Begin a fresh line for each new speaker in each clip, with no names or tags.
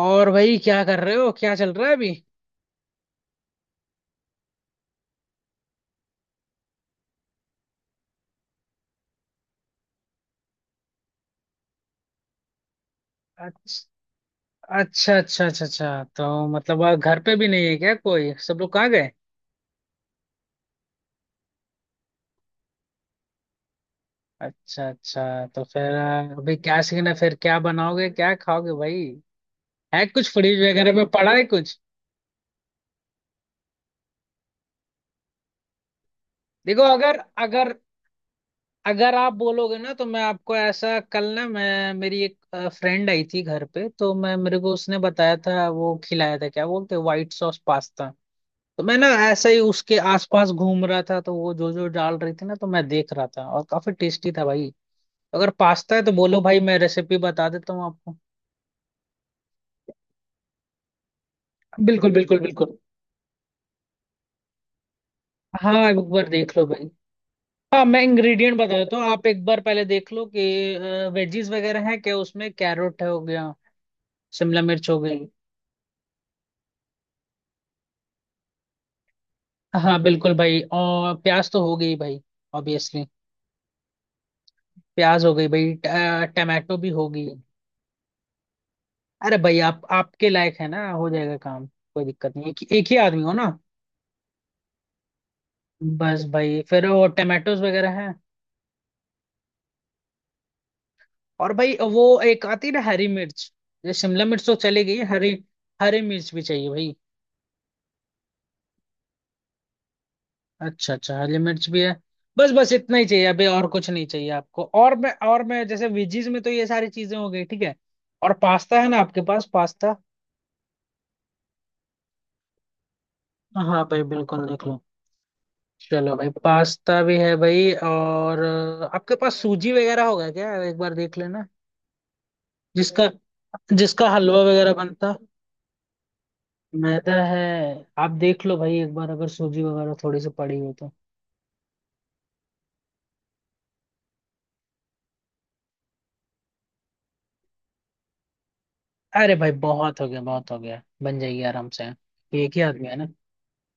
और भाई, क्या कर रहे हो? क्या चल रहा है अभी? अच्छा, अच्छा, अच्छा, अच्छा, अच्छा। तो मतलब घर पे भी नहीं है क्या कोई? सब लोग कहाँ गए? अच्छा, अच्छा। तो फिर अभी क्या सीन है? फिर क्या बनाओगे, क्या खाओगे भाई? है कुछ फ्रिज वगैरह में पड़ा है कुछ? देखो, अगर अगर अगर आप बोलोगे ना तो मैं आपको ऐसा, कल ना, मैं, मेरी एक फ्रेंड आई थी घर पे, तो मैं, मेरे को उसने बताया था, वो खिलाया था, क्या बोलते, व्हाइट सॉस पास्ता। तो मैं ना ऐसे ही उसके आसपास घूम रहा था, तो वो जो जो डाल रही थी ना, तो मैं देख रहा था, और काफी टेस्टी था भाई। अगर पास्ता है तो बोलो भाई, मैं रेसिपी बता देता हूँ आपको। बिल्कुल, बिल्कुल, बिल्कुल। हाँ, एक बार देख लो भाई। हाँ, मैं इंग्रेडिएंट बता देता हूँ, आप एक बार पहले देख लो कि वेजीज वगैरह है क्या उसमें। कैरेट हो गया? शिमला मिर्च हो गई? हाँ बिल्कुल भाई, और प्याज तो हो गई भाई, ऑब्वियसली। प्याज हो गई भाई, टमाटो भी होगी। अरे भाई, आप आपके लायक है ना, हो जाएगा काम, कोई दिक्कत नहीं, एक ही आदमी हो ना। बस भाई, फिर वो टमाटोज वगैरह हैं। और भाई, वो एक आती है ना, हरी मिर्च। ये शिमला मिर्च तो चली गई। हरी हरी मिर्च भी चाहिए भाई। अच्छा अच्छा, हरी मिर्च भी है। बस बस इतना ही चाहिए, अभी और कुछ नहीं चाहिए आपको, और मैं जैसे वेजीज में तो ये सारी चीजें हो गई, ठीक है। और पास्ता है ना आपके पास, पास्ता? हाँ भाई, बिल्कुल देख लो। चलो भाई, पास्ता भी है भाई, और आपके पास सूजी वगैरह होगा क्या, एक बार देख लेना? जिसका जिसका हलवा वगैरह बनता। मैदा है। आप देख लो भाई, एक बार, अगर सूजी वगैरह थोड़ी सी पड़ी हो तो। अरे भाई, बहुत हो गया, बहुत हो गया, बन जाएगी आराम से। एक ही आदमी है ना।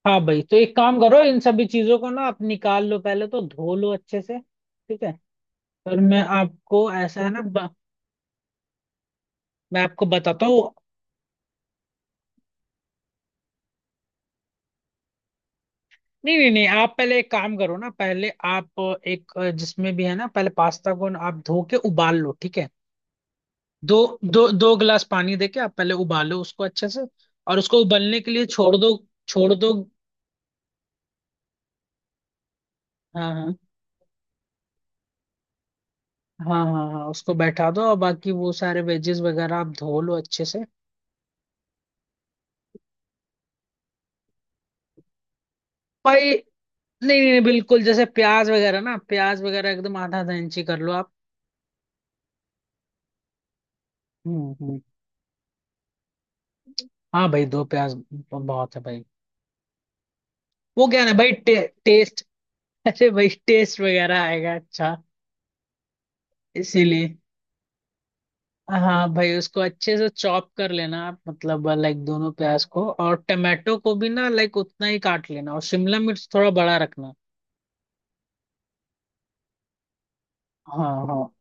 हाँ भाई, तो एक काम करो, इन सभी चीजों को ना आप निकाल लो, पहले तो धो लो अच्छे से, ठीक है? पर मैं आपको ऐसा है ना, मैं आपको बताता हूँ। नहीं नहीं नहीं, आप पहले एक काम करो ना, पहले आप एक, जिसमें भी है ना, पहले पास्ता को ना आप धो के उबाल लो, ठीक है? दो दो दो गिलास पानी देके आप पहले उबालो उसको अच्छे से, और उसको उबलने के लिए छोड़ दो। छोड़ दो। हाँ हाँ हाँ हाँ हाँ, उसको बैठा दो, और बाकी वो सारे वेजेस वगैरह आप धो लो अच्छे से। भाई, नहीं नहीं नहीं, बिल्कुल, जैसे प्याज वगैरह ना, प्याज वगैरह एकदम आधा आधा इंची कर लो आप। हम्म। हाँ भाई, दो प्याज बहुत है भाई। वो क्या है ना भाई, टेस्ट। अरे भाई, टेस्ट वगैरह आएगा अच्छा, इसीलिए। हाँ भाई, उसको अच्छे से चॉप कर लेना आप, मतलब लाइक दोनों प्याज को, और टमाटो को भी ना लाइक उतना ही काट लेना, और शिमला मिर्च थोड़ा बड़ा रखना। हाँ हाँ,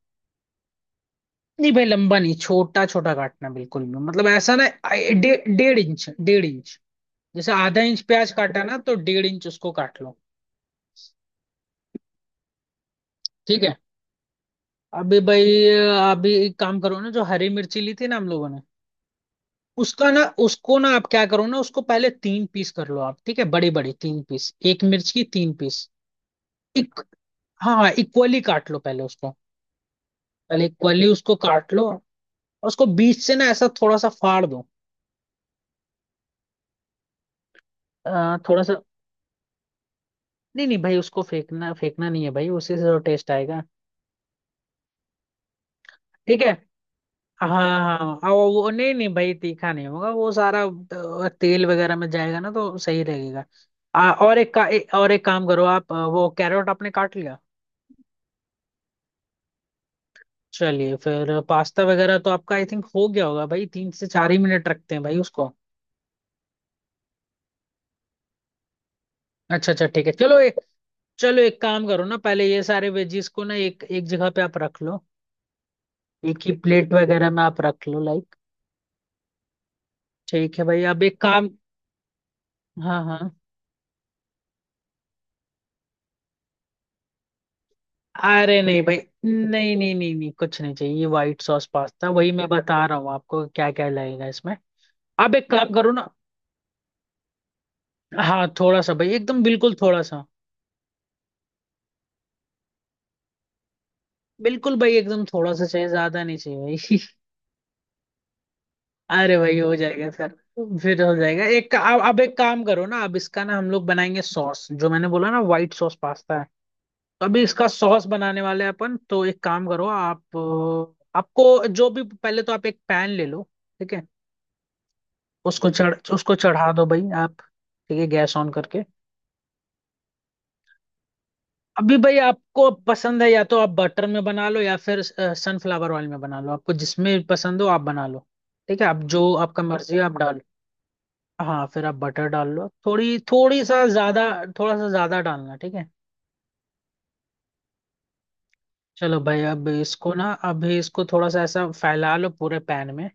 नहीं भाई, लंबा नहीं, छोटा छोटा काटना, बिल्कुल भी मतलब ऐसा ना, डेढ़ इंच, डेढ़ इंच। जैसे आधा इंच प्याज काटा ना, तो डेढ़ इंच उसको काट लो। ठीक है, अभी भाई, अभी एक काम करो ना, जो हरी मिर्ची ली थी ना हम लोगों ने, उसका ना, उसको ना आप क्या करो ना, उसको पहले तीन पीस कर लो आप, ठीक है? बड़ी बड़ी तीन पीस, एक मिर्च की तीन पीस। हाँ हाँ, इक्वली काट लो पहले उसको। पहले इक्वली उसको काट लो, और उसको बीच से ना ऐसा थोड़ा सा फाड़ दो, थोड़ा सा। नहीं नहीं भाई, उसको फेंकना, फेंकना नहीं है भाई, उसी से तो टेस्ट आएगा। ठीक है, हाँ हाँ हाँ, नहीं नहीं भाई, तीखा नहीं होगा, वो सारा तेल वगैरह में जाएगा ना, तो सही रहेगा। आ, और एक का ए, और एक काम करो आप, वो कैरेट आपने काट लिया। चलिए फिर, पास्ता वगैरह तो आपका आई थिंक हो गया होगा भाई, तीन से चार ही मिनट रखते हैं भाई उसको। अच्छा अच्छा, ठीक है, चलो। चलो, एक काम करो ना, पहले ये सारे वेजीज को ना एक एक जगह पे आप रख लो, एक ही प्लेट वगैरह में आप रख लो, लाइक। ठीक है भाई, अब एक काम, हाँ हाँ। अरे नहीं भाई, नहीं नहीं नहीं नहीं, कुछ नहीं चाहिए, ये व्हाइट सॉस पास्ता, वही मैं बता रहा हूँ आपको, क्या क्या लगेगा इसमें। अब एक काम करो ना, हाँ, थोड़ा सा भाई, एकदम बिल्कुल थोड़ा सा, बिल्कुल भाई, एकदम थोड़ा सा चाहिए, ज्यादा नहीं चाहिए भाई। अरे भाई, हो जाएगा सर, फिर हो जाएगा। एक अब एक काम करो ना, अब इसका ना हम लोग बनाएंगे सॉस, जो मैंने बोला ना, व्हाइट सॉस पास्ता है। तो अभी इसका सॉस बनाने वाले हैं अपन, तो एक काम करो, आप आपको जो भी, पहले तो आप एक पैन ले लो, ठीक है? उसको चढ़ा दो भाई आप, ठीक है, गैस ऑन करके। अभी भाई, आपको पसंद है, या तो आप बटर में बना लो, या फिर सनफ्लावर ऑयल में बना लो, आपको जिसमें पसंद हो आप बना लो। ठीक है, आप जो आपका मर्जी है आप डालो। हाँ, फिर आप बटर डाल लो, थोड़ी थोड़ी सा ज्यादा, थोड़ा सा ज्यादा डालना, ठीक है। चलो भाई, अब इसको ना, अभी इसको थोड़ा सा ऐसा फैला लो पूरे पैन में।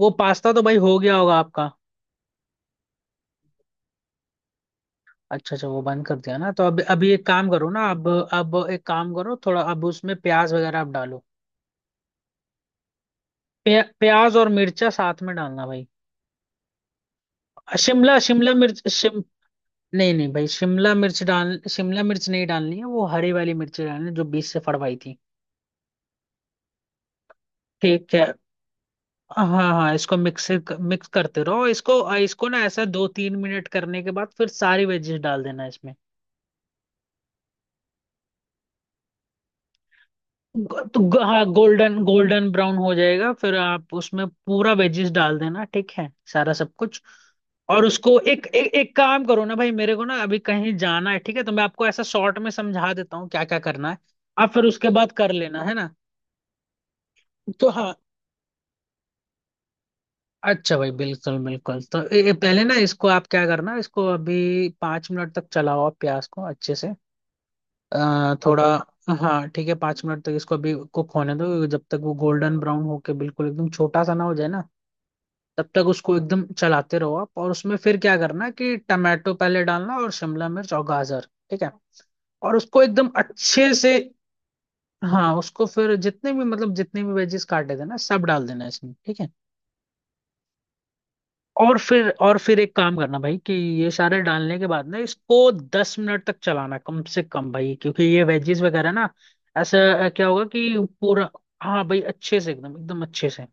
वो पास्ता तो भाई हो गया होगा आपका। अच्छा अच्छा, वो बंद कर दिया ना, तो अब अभी एक काम करो ना, अब एक काम करो थोड़ा, अब उसमें प्याज वगैरह आप डालो। प्याज और मिर्चा साथ में डालना भाई। शिमला शिमला मिर्च शिम नहीं नहीं भाई, शिमला मिर्च नहीं डालनी है, वो हरी वाली मिर्च डालनी है, जो बीच से फड़वाई थी। ठीक है, हाँ हाँ, इसको मिक्स मिक्स करते रहो, इसको इसको ना ऐसा दो तीन मिनट करने के बाद, फिर सारी वेजेस डाल देना इसमें। हाँ, गोल्डन गोल्डन ब्राउन हो जाएगा, फिर आप उसमें पूरा वेजिस डाल देना, ठीक है, सारा सब कुछ। और उसको एक एक एक काम करो ना भाई, मेरे को ना अभी कहीं जाना है, ठीक है, तो मैं आपको ऐसा शॉर्ट में समझा देता हूँ, क्या क्या करना है, आप फिर उसके बाद कर लेना, है ना। तो हाँ, अच्छा भाई, बिल्कुल बिल्कुल, तो ये पहले ना, इसको आप क्या करना, इसको अभी पाँच मिनट तक चलाओ आप, प्याज को अच्छे से, थोड़ा। हाँ ठीक है, पाँच मिनट तक इसको अभी कुक होने दो, जब तक वो गोल्डन ब्राउन होके बिल्कुल एकदम छोटा सा ना हो जाए ना, तब तक उसको एकदम चलाते रहो आप, और उसमें फिर क्या करना कि टमाटो पहले डालना, और शिमला मिर्च और गाजर, ठीक है। और उसको एकदम अच्छे से। हाँ, उसको फिर जितने भी मतलब, जितने भी वेजेस काटे थे ना, सब डाल देना इसमें, ठीक है। और फिर एक काम करना भाई, कि ये सारे डालने के बाद ना, इसको दस मिनट तक चलाना कम से कम भाई, क्योंकि ये वेजीज वगैरह ना, ऐसा क्या होगा कि पूरा। हाँ भाई, अच्छे से, एकदम एकदम अच्छे से।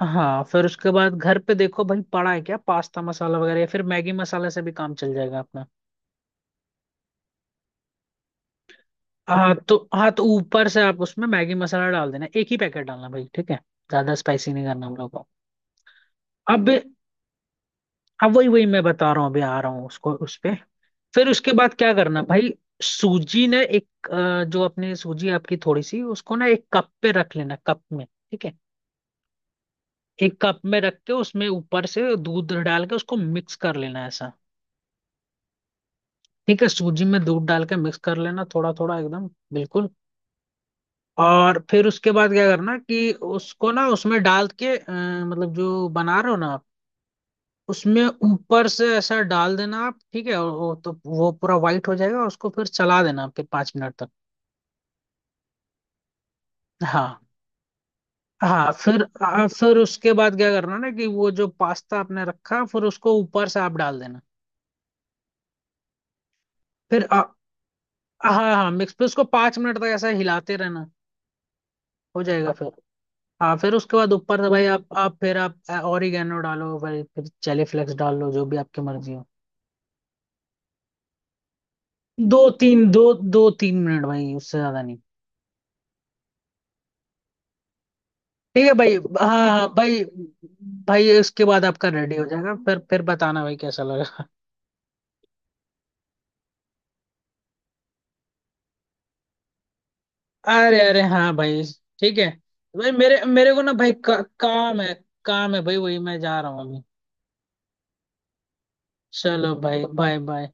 हाँ, फिर उसके बाद घर पे देखो भाई, पड़ा है क्या पास्ता मसाला वगैरह, या फिर मैगी मसाला से भी काम चल जाएगा अपना। हाँ तो ऊपर से आप उसमें मैगी मसाला डाल देना, एक ही पैकेट डालना भाई, ठीक है, ज्यादा स्पाइसी नहीं करना हम लोग को। अब अब वही वही मैं बता रहा हूँ, अभी आ रहा हूँ उसको, उस पे। फिर उसके बाद क्या करना भाई, सूजी ने एक, जो अपनी सूजी आपकी थोड़ी सी, उसको ना एक कप पे रख लेना, कप में, ठीक है? एक कप में रख के उसमें ऊपर से दूध डाल के उसको मिक्स कर लेना ऐसा, ठीक है, सूजी में दूध डाल के मिक्स कर लेना, थोड़ा थोड़ा एकदम बिल्कुल। और फिर उसके बाद क्या करना कि उसको ना, उसमें डाल के मतलब, जो बना रहे हो ना आप, उसमें ऊपर से ऐसा डाल देना आप, ठीक है, और वो तो वो पूरा वाइट हो जाएगा, और उसको फिर चला देना फिर पाँच मिनट तक। हाँ हाँ, फिर उसके बाद क्या करना ना, कि वो जो पास्ता आपने रखा, फिर उसको ऊपर से आप डाल देना। फिर आ, हाँ हाँ, मिक्स, फिर उसको पाँच मिनट तक ऐसा हिलाते रहना, हो जाएगा फिर। हाँ, फिर उसके बाद ऊपर से भाई, आप फिर आप ओरिगेनो डालो भाई, फिर चिली फ्लेक्स डाल लो, जो भी आपकी मर्जी हो। दो तीन दो दो तीन मिनट भाई, उससे ज्यादा नहीं। ठीक है भाई, हाँ हाँ भाई, भाई इसके बाद आपका रेडी हो जाएगा, फिर बताना भाई कैसा लगा। अरे अरे हाँ भाई, ठीक है भाई, मेरे मेरे को ना भाई काम है, काम है भाई, वही मैं जा रहा हूँ अभी। चलो भाई, बाय बाय।